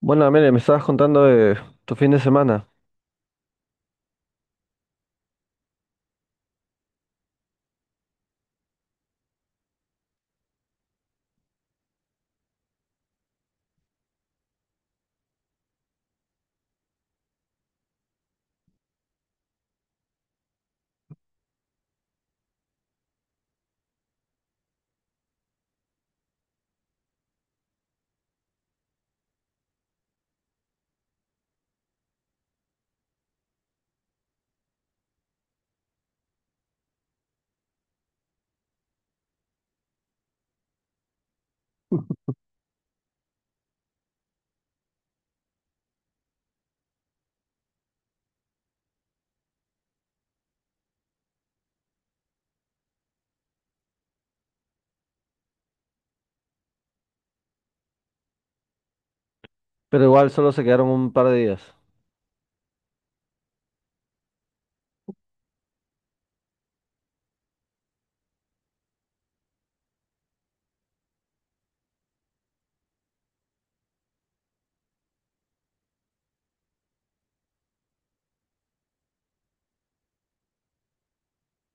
Bueno, Amelia, me estabas contando de tu fin de semana, pero igual solo se quedaron un par de días.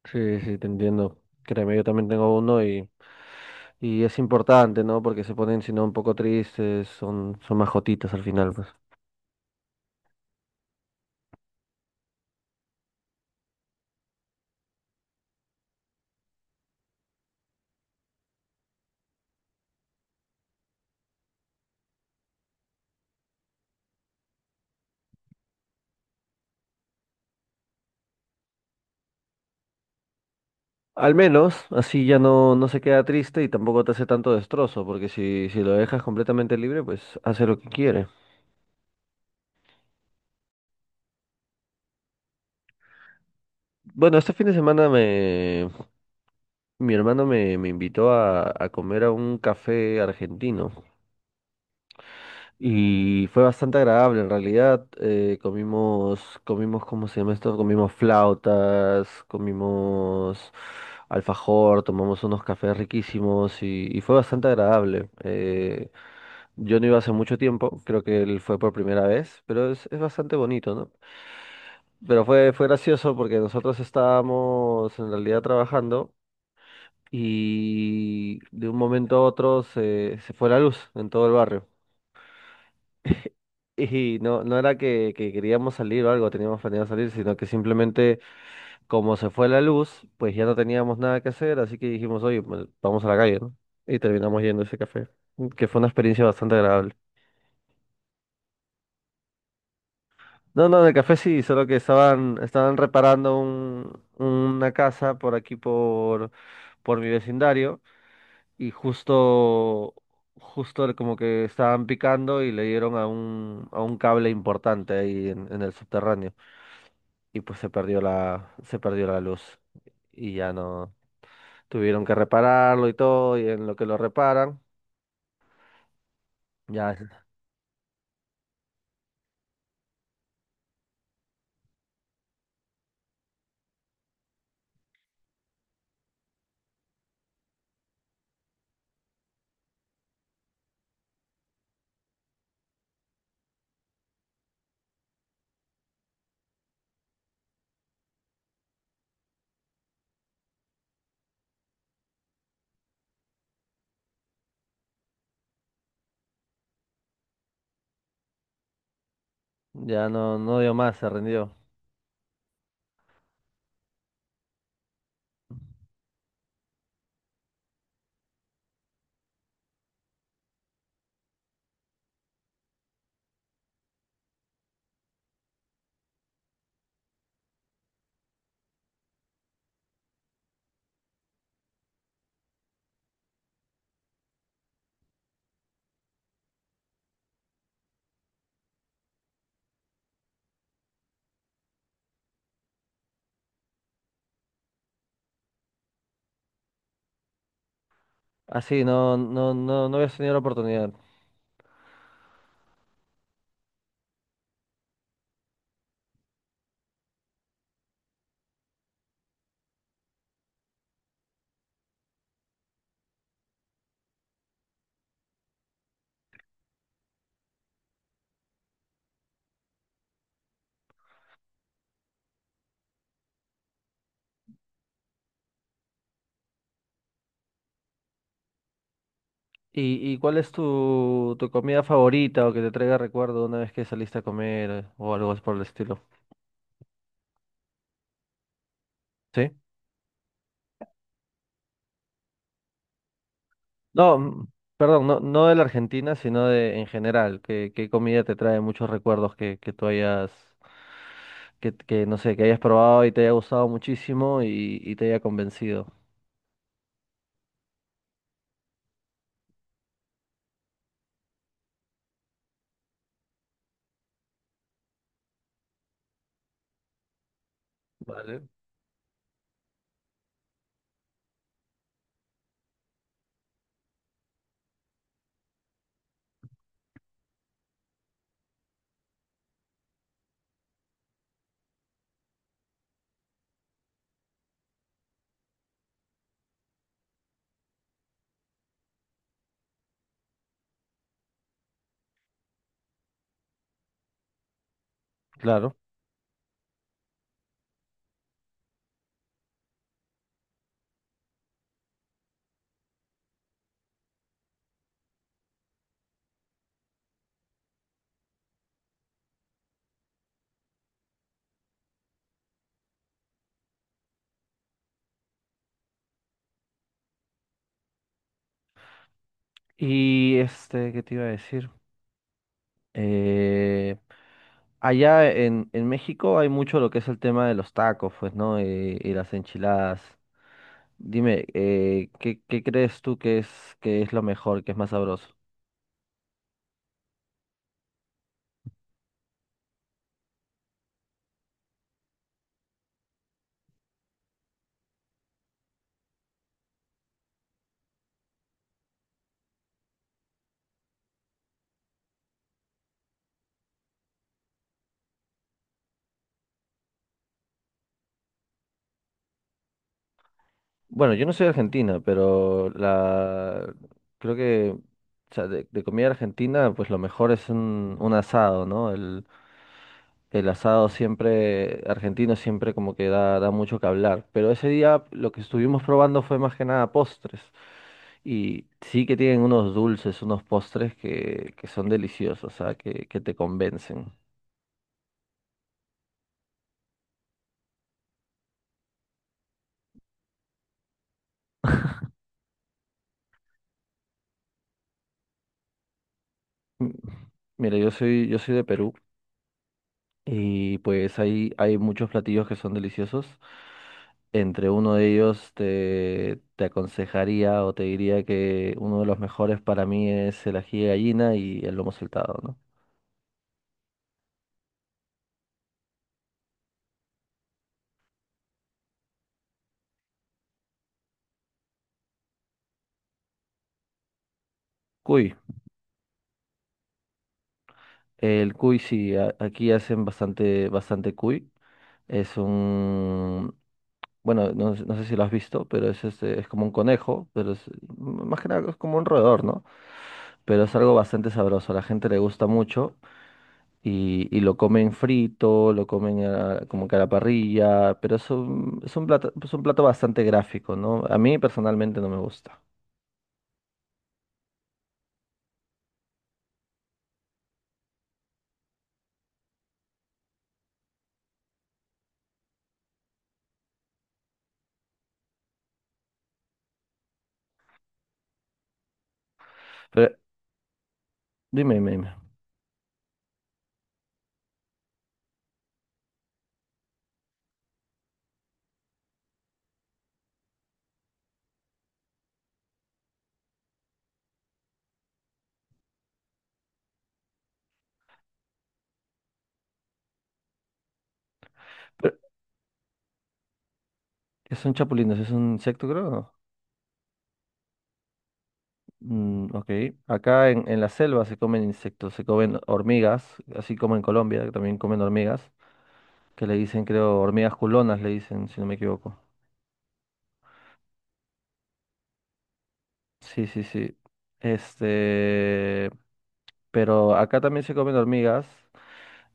Sí, sí, te entiendo. Créeme, yo también tengo uno y es importante, ¿no? Porque se ponen, si no, un poco tristes, son más jotitas al final, pues. Al menos, así ya no se queda triste y tampoco te hace tanto destrozo, porque si lo dejas completamente libre, pues hace lo que quiere. Bueno, este fin de semana mi hermano me invitó a comer a un café argentino. Y fue bastante agradable en realidad. Comimos, ¿cómo se llama esto? Comimos flautas, comimos alfajor, tomamos unos cafés riquísimos y fue bastante agradable. Yo no iba hace mucho tiempo, creo que él fue por primera vez, pero es bastante bonito, ¿no? Pero fue gracioso porque nosotros estábamos en realidad trabajando y de un momento a otro se fue la luz en todo el barrio. Y no, no era que queríamos salir o algo, teníamos planeado salir, sino que simplemente como se fue la luz, pues ya no teníamos nada que hacer, así que dijimos, oye, pues, vamos a la calle, ¿no? Y terminamos yendo a ese café, que fue una experiencia bastante agradable. No, no, en el café sí, solo que estaban reparando una casa por aquí, por mi vecindario, y justo, justo como que estaban picando y le dieron a a un cable importante ahí en el subterráneo. Y pues se perdió se perdió la luz y ya no tuvieron que repararlo y todo y en lo que lo reparan ya ya no dio más, se rindió. Así no habías tenido la oportunidad. Y cuál es tu comida favorita o que te traiga recuerdo una vez que saliste a comer o algo por el estilo? ¿Sí? No, perdón, no, no de la Argentina, sino de en general. ¿Qué, qué comida te trae muchos recuerdos que tú hayas, que no sé, que hayas probado y te haya gustado muchísimo y te haya convencido? Vale. Claro. Y este, ¿qué te iba a decir? Eh, allá en México hay mucho lo que es el tema de los tacos, pues, ¿no? Y las enchiladas. Dime, ¿qué, qué crees tú que es lo mejor, que es más sabroso? Bueno, yo no soy argentina, pero la creo que, o sea, de comida argentina, pues lo mejor es un asado, ¿no? El asado siempre, argentino siempre como que da, da mucho que hablar. Pero ese día lo que estuvimos probando fue más que nada postres. Y sí que tienen unos dulces, unos postres que son deliciosos, o sea, que te convencen. M- Mira, yo soy de Perú. Y pues hay muchos platillos que son deliciosos. Entre uno de ellos te, te aconsejaría o te diría que uno de los mejores para mí es el ají de gallina y el lomo saltado, ¿no? Cuy. El cuy sí, aquí hacen bastante, bastante cuy. Es un, bueno, no, no sé si lo has visto, pero es este, es como un conejo, pero es más que nada es como un roedor, ¿no? Pero es algo bastante sabroso, a la gente le gusta mucho y lo comen frito, lo comen como que a la parrilla, pero es un plato bastante gráfico, ¿no? A mí personalmente no me gusta. Pero dime, dime, dime. Pero, ¿qué son chapulines? ¿Es un insecto, creo? No. Mm, ok. Acá en la selva se comen insectos, se comen hormigas, así como en Colombia, que también comen hormigas, que le dicen, creo, hormigas culonas, le dicen, si no me equivoco. Sí, sí, sí. Este, pero acá también se comen hormigas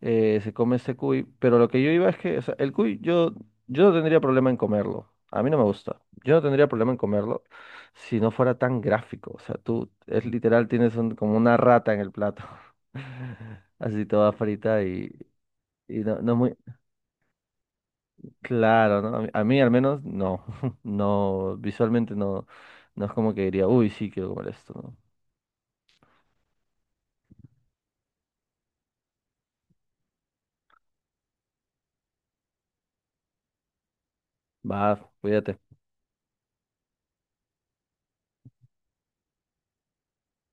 se come este cuy, pero lo que yo iba es que, o sea, el cuy yo, yo no tendría problema en comerlo, a mí no me gusta, yo no tendría problema en comerlo si no fuera tan gráfico, o sea, tú es literal, tienes como una rata en el plato, así toda frita y no, no muy claro, ¿no? A mí al menos no, no, visualmente no, no es como que diría, uy, sí, quiero comer esto, ¿no? Va, cuídate.